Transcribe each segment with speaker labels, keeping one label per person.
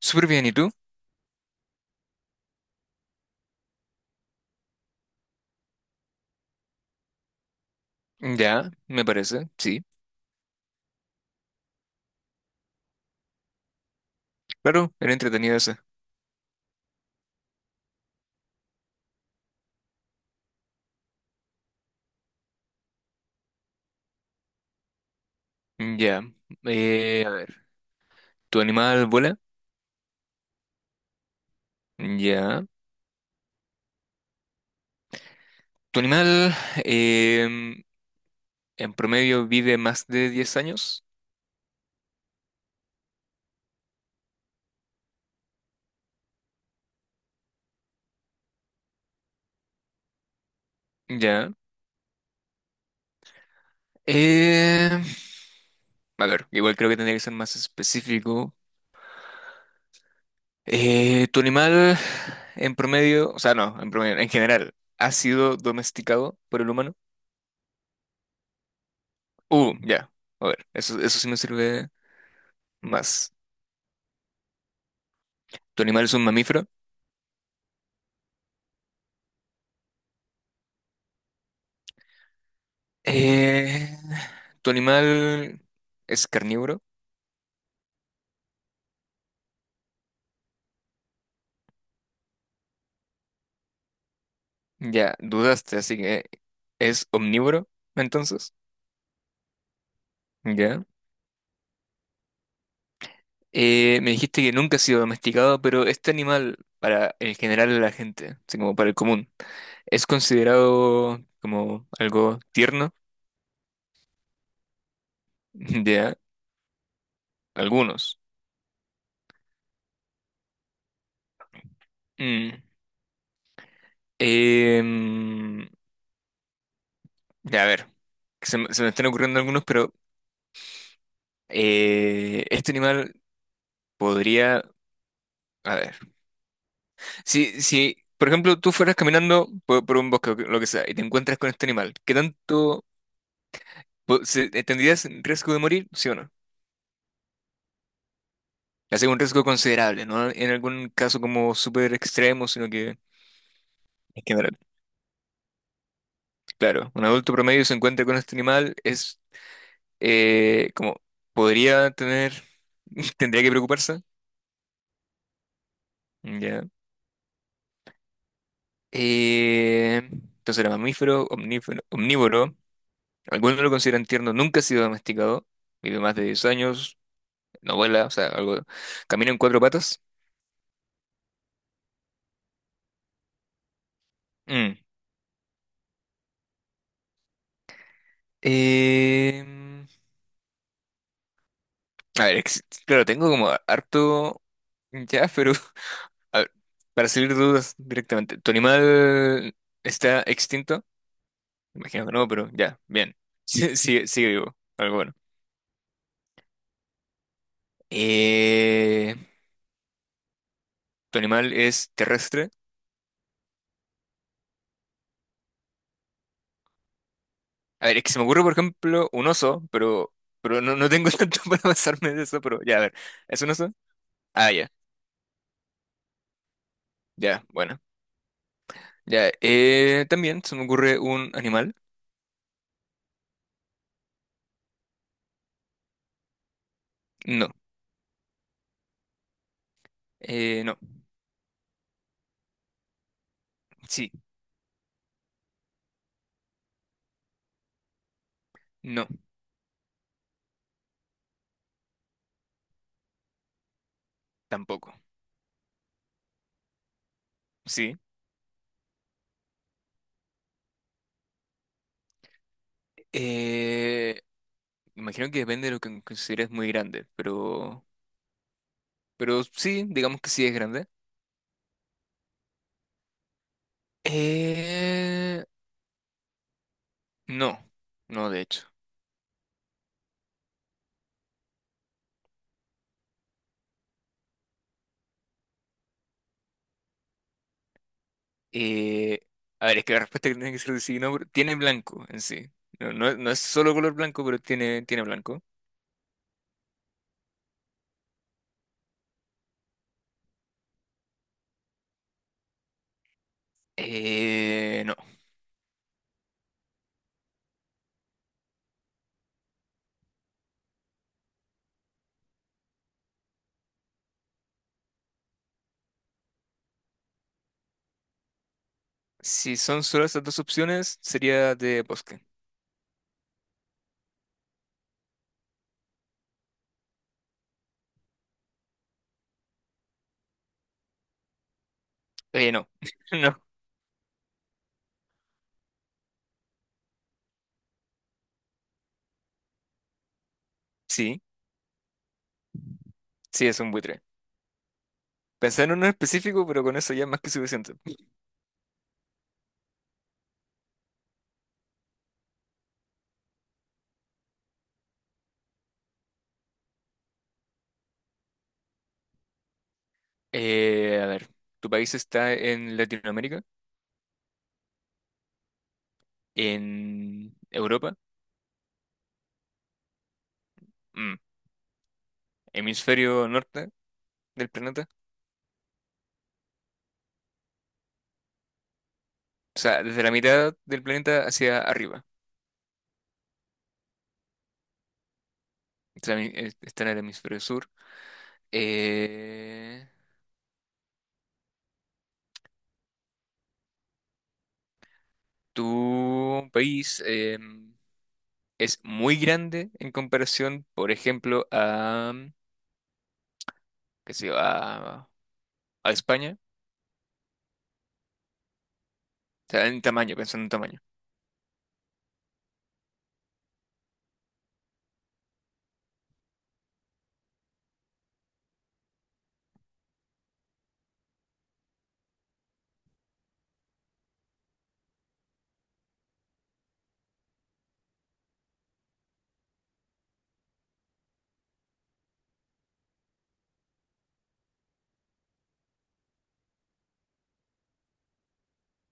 Speaker 1: Súper bien, ¿y tú? Ya, me parece, sí. Claro, era entretenida esa. Ya. A ver, ¿tu animal vuela? Ya. ¿Tu animal em, en promedio vive más de 10 años? Ya. Eh, a ver, igual creo que tendría que ser más específico. ¿Tu animal en promedio, o sea, no, en promedio, en general, ha sido domesticado por el humano? Ya. A ver, eso sí me sirve más. ¿Tu animal es un mamífero? Eh, ¿Tu animal es carnívoro? Ya, dudaste, así que es omnívoro, entonces. Ya. Me dijiste que nunca ha sido domesticado, pero este animal, para el general de la gente, así como para el común, es considerado como algo tierno. Ya, algunos. Mm. Em, ya, a ver, que se me están ocurriendo algunos, pero este animal podría... A ver. Si, por ejemplo, tú fueras caminando por un bosque o lo que sea y te encuentras con este animal, ¿qué tanto tendrías riesgo de morir? ¿Sí o no? Hace un riesgo considerable, no en algún caso como súper extremo, sino que en general. Claro, un adulto promedio se encuentra con este animal, es como podría tener, tendría que preocuparse. Ya. Entonces era mamífero, omnívoro. Algunos lo consideran tierno, nunca ha sido domesticado. Vive más de 10 años, no vuela, o sea, algo. Camina en cuatro patas. Mm. Em, a ver, claro, tengo como harto ya, pero a ver, para salir de dudas directamente, ¿tu animal está extinto? Imagino que no, pero ya, bien. Sí, sigue vivo, algo bueno. Eh, ¿Tu animal es terrestre? A ver, es que se me ocurre, por ejemplo, un oso, pero, no, no tengo tanto para pasarme de eso, pero ya, a ver, ¿es un oso? Ah, ya, ya, bueno. Ya, también se me ocurre un animal. No. No. Sí. No. Tampoco. Sí. Eh, Imagino que depende de lo que consideres muy grande, pero sí, digamos que sí es grande. Eh, no. No, de hecho. Eh, a ver, es que la respuesta que tiene que ser de sí, no, pero tiene blanco en sí. No, no, no es solo color blanco, pero tiene blanco. No. Si son solo esas dos opciones, sería de bosque. No. No, sí, sí, es un buitre. Pensé en uno en específico, pero con eso ya es más que suficiente. A ver, ¿tu país está en Latinoamérica? ¿En Europa? Mm, ¿Hemisferio norte del planeta? O sea, desde la mitad del planeta hacia arriba. O sea, está en el hemisferio sur. Eh, ¿Tu país es muy grande en comparación, por ejemplo, a, qué sé yo, a España? O sea, en tamaño, pensando en tamaño.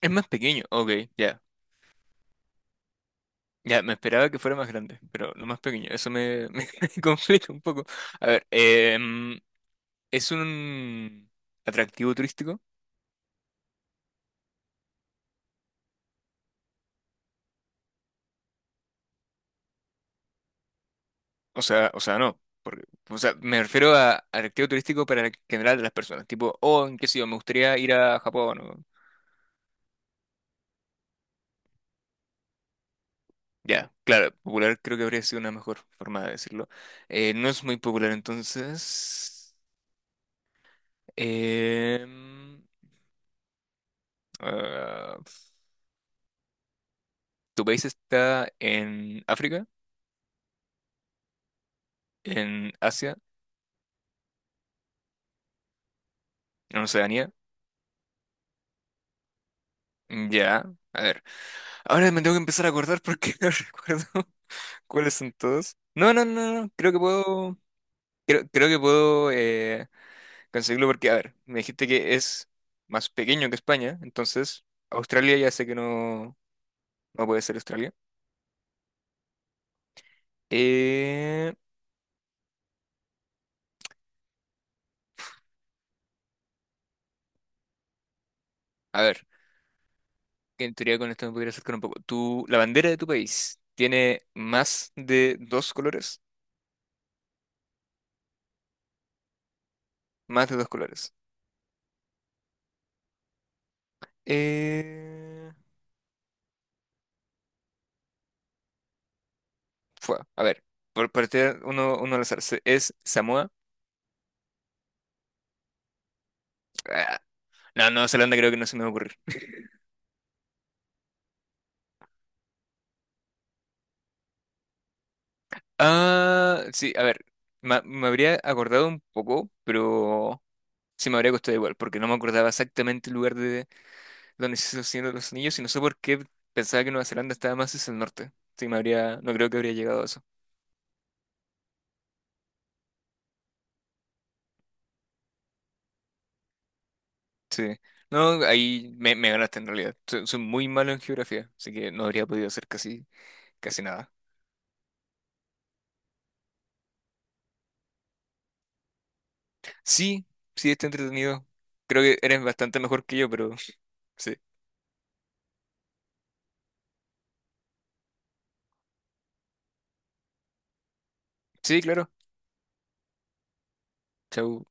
Speaker 1: Es más pequeño, ok, ya. Ya, me esperaba que fuera más grande, pero no más pequeño. Eso me, me complica un poco. A ver, ¿es un atractivo turístico? O sea, no. Porque, o sea, me refiero a atractivo turístico para el general de las personas. Tipo, oh, en qué sé yo, me gustaría ir a Japón. Ya, claro, popular creo que habría sido una mejor forma de decirlo. No es muy popular, entonces. em, ah, ¿Tu país está en África? ¿En Asia? ¿En Oceanía? Ya, a ver. Ahora me tengo que empezar a acordar porque no recuerdo cuáles son todos. No, no, no, no. Creo que puedo. Creo que puedo conseguirlo porque, a ver, me dijiste que es más pequeño que España, entonces Australia ya sé que no, no puede ser Australia. Eh, a ver, que en teoría con esto me podría acercar un poco. La bandera de tu país tiene más de dos colores. Más de dos colores. Eh, a ver, por partir uno al azar. ¿Es Samoa? Ah, No, Nueva Zelanda creo que no se me va a ocurrir. Ah, sí, a ver. Me habría acordado un poco, pero sí me habría costado igual, porque no me acordaba exactamente el lugar de donde se hizo el Señor de los Anillos y no sé por qué pensaba que Nueva Zelanda estaba más hacia el norte. Sí, me habría, no creo que habría llegado a eso. Sí. No, ahí me ganaste en realidad. Soy muy malo en geografía, así que no habría podido hacer casi, casi nada. Sí, sí, está entretenido. Creo que eres bastante mejor que yo, pero sí. Sí, claro. Chau.